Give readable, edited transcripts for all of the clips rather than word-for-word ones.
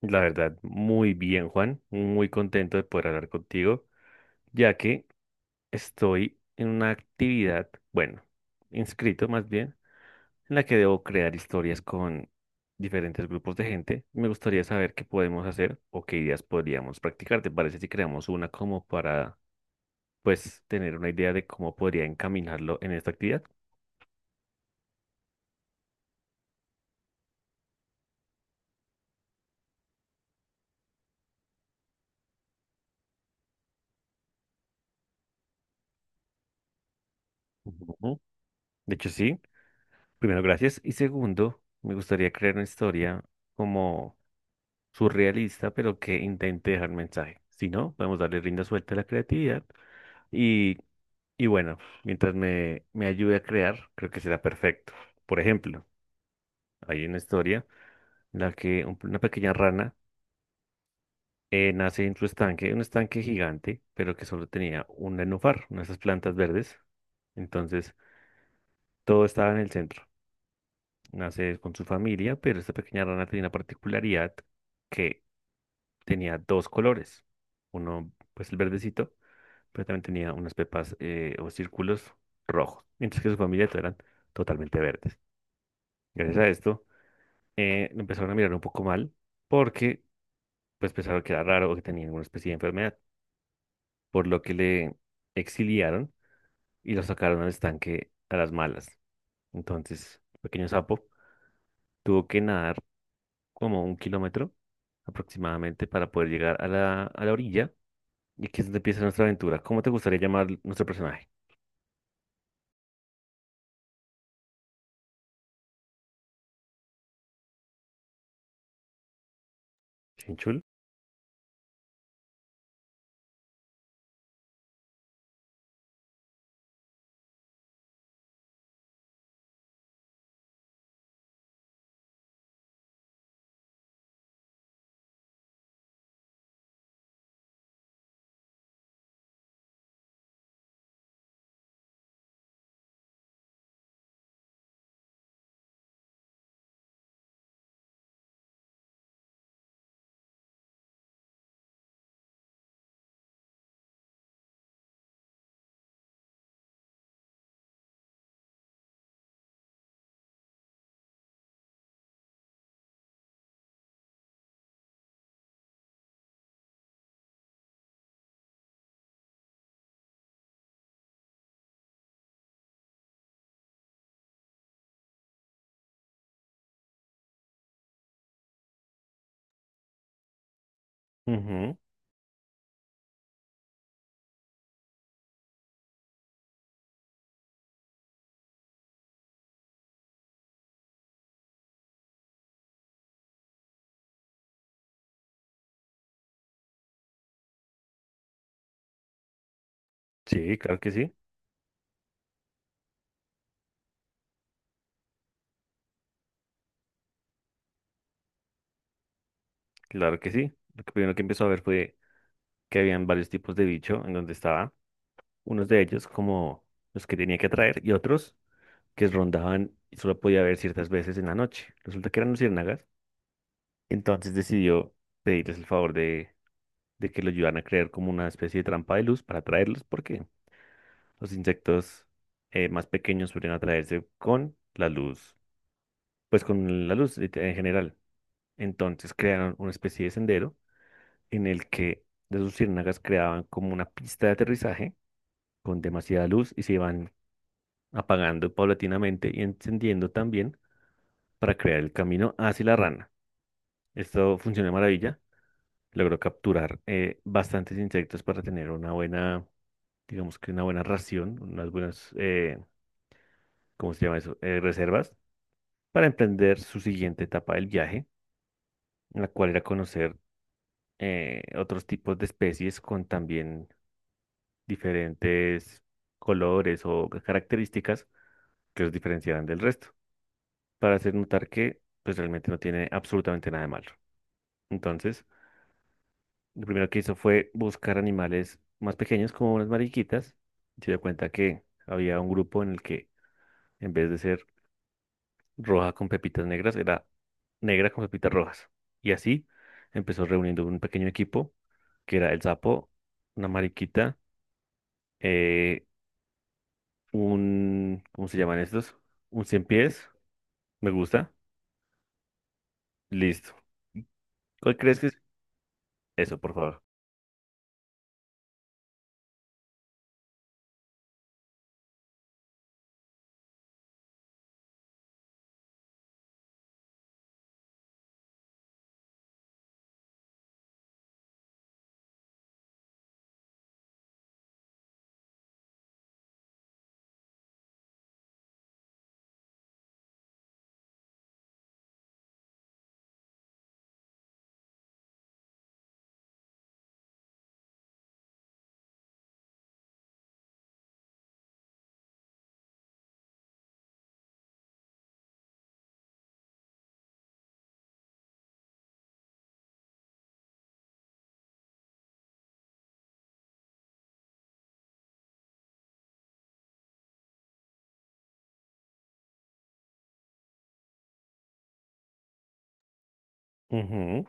La verdad, muy bien, Juan. Muy contento de poder hablar contigo, ya que estoy en una actividad, bueno, inscrito más bien, en la que debo crear historias con diferentes grupos de gente. Me gustaría saber qué podemos hacer o qué ideas podríamos practicar. ¿Te parece si creamos una como para pues tener una idea de cómo podría encaminarlo en esta actividad? Ujú. De hecho, sí. Primero, gracias. Y segundo, me gustaría crear una historia como surrealista, pero que intente dejar mensaje. Si no, podemos darle rienda suelta a la creatividad. Y, y bueno, mientras me ayude a crear, creo que será perfecto. Por ejemplo, hay una historia en la que una pequeña rana nace en su estanque, un estanque gigante, pero que solo tenía un nenúfar, una de esas plantas verdes. Entonces, todo estaba en el centro. Nace con su familia, pero esta pequeña rana tenía una particularidad que tenía dos colores. Uno, pues el verdecito, pero también tenía unas pepas o círculos rojos, mientras que su familia todos eran totalmente verdes. Gracias a esto, lo empezaron a mirar un poco mal porque pues pensaron que era raro o que tenía alguna especie de enfermedad, por lo que le exiliaron y lo sacaron al estanque a las malas. Entonces, el pequeño sapo tuvo que nadar como un kilómetro aproximadamente para poder llegar a la orilla y aquí es donde empieza nuestra aventura. ¿Cómo te gustaría llamar nuestro personaje? ¿Chinchul? Ujú. Sí, claro que sí, claro que sí. Lo que primero que empezó a ver fue que habían varios tipos de bicho en donde estaba. Unos de ellos como los que tenía que atraer y otros que rondaban y solo podía ver ciertas veces en la noche. Resulta que eran luciérnagas, entonces decidió pedirles el favor de que lo ayudaran a crear como una especie de trampa de luz para atraerlos porque los insectos más pequeños suelen atraerse con la luz, pues con la luz en general. Entonces crearon una especie de sendero en el que las luciérnagas creaban como una pista de aterrizaje con demasiada luz y se iban apagando paulatinamente y encendiendo también para crear el camino hacia la rana. Esto funcionó de maravilla. Logró capturar bastantes insectos para tener una buena, digamos que una buena ración, unas buenas, ¿cómo se llama eso? Reservas para emprender su siguiente etapa del viaje, en la cual era conocer otros tipos de especies con también diferentes colores o características que los diferenciaran del resto, para hacer notar que pues realmente no tiene absolutamente nada de malo. Entonces, lo primero que hizo fue buscar animales más pequeños como unas mariquitas. Y se dio cuenta que había un grupo en el que en vez de ser roja con pepitas negras, era negra con pepitas rojas. Y así empezó reuniendo un pequeño equipo que era el sapo, una mariquita, eh, un, ¿cómo se llaman estos? Un cien pies, me gusta, listo. ¿Cuál crees que es? Eso, por favor. Ujú.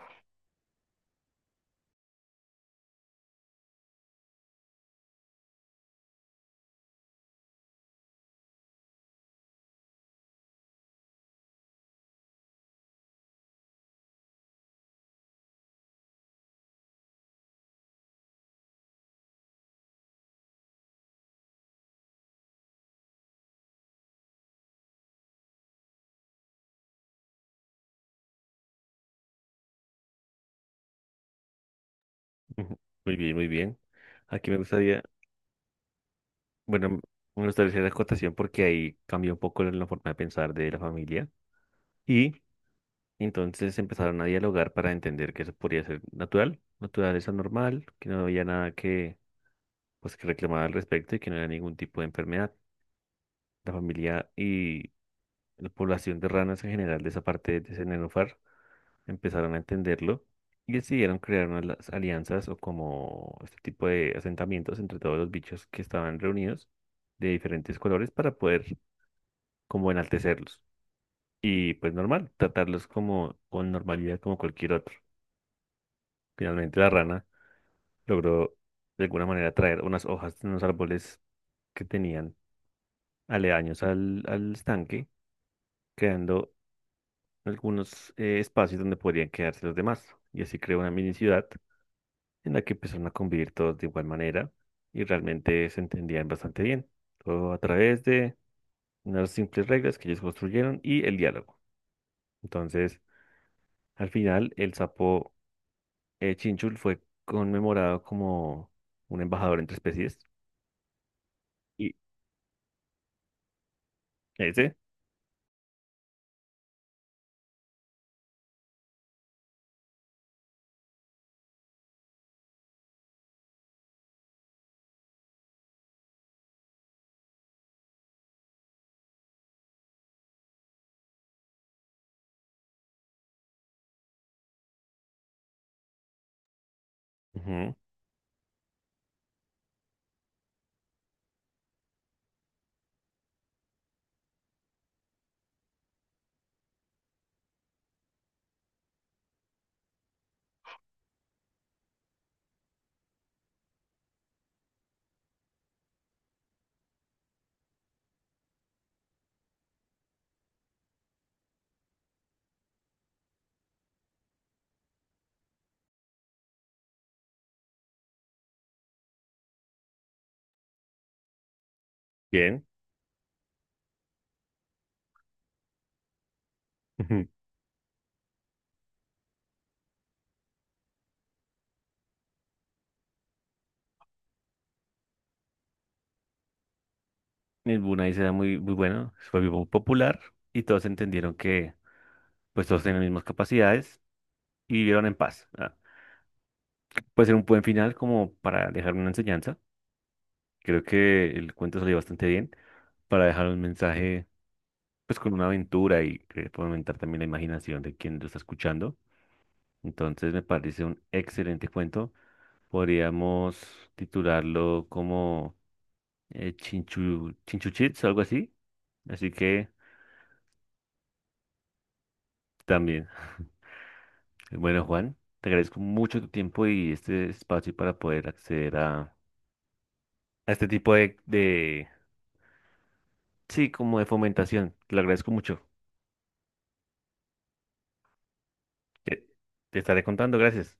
Ujú. Muy bien, muy bien. Aquí me gustaría. Bueno, me gustaría hacer la acotación porque ahí cambió un poco la forma de pensar de la familia y entonces empezaron a dialogar para entender que eso podría ser natural, naturaleza normal, que no había nada que, pues, que reclamar al respecto y que no era ningún tipo de enfermedad. La familia y la población de ranas en general de esa parte de ese nenúfar empezaron a entenderlo y decidieron crear unas las alianzas o como este tipo de asentamientos entre todos los bichos que estaban reunidos de diferentes colores para poder como enaltecerlos. Y pues normal, tratarlos como con normalidad como cualquier otro. Finalmente la rana logró de alguna manera traer unas hojas de unos árboles que tenían aledaños al estanque, creando algunos espacios donde podrían quedarse los demás. Y así creó una mini ciudad en la que empezaron a convivir todos de igual manera y realmente se entendían bastante bien. Todo a través de unas simples reglas que ellos construyeron y el diálogo. Entonces, al final, el sapo Chinchul fue conmemorado como un embajador entre especies. Y ese, ujú, bien. Ujú. El Brunei era muy, muy bueno, fue muy popular y todos entendieron que pues todos tenían las mismas capacidades y vivieron en paz. Ah, puede ser un buen final como para dejar una enseñanza. Creo que el cuento salió bastante bien para dejar un mensaje pues con una aventura y que fomentar también la imaginación de quien lo está escuchando. Entonces me parece un excelente cuento. Podríamos titularlo como Chinchu, Chinchuchits algo así. Así que también. Bueno, Juan, te agradezco mucho tu tiempo y este espacio para poder acceder a este tipo de, sí, como de fomentación. Te lo agradezco mucho. Te, te estaré contando, gracias.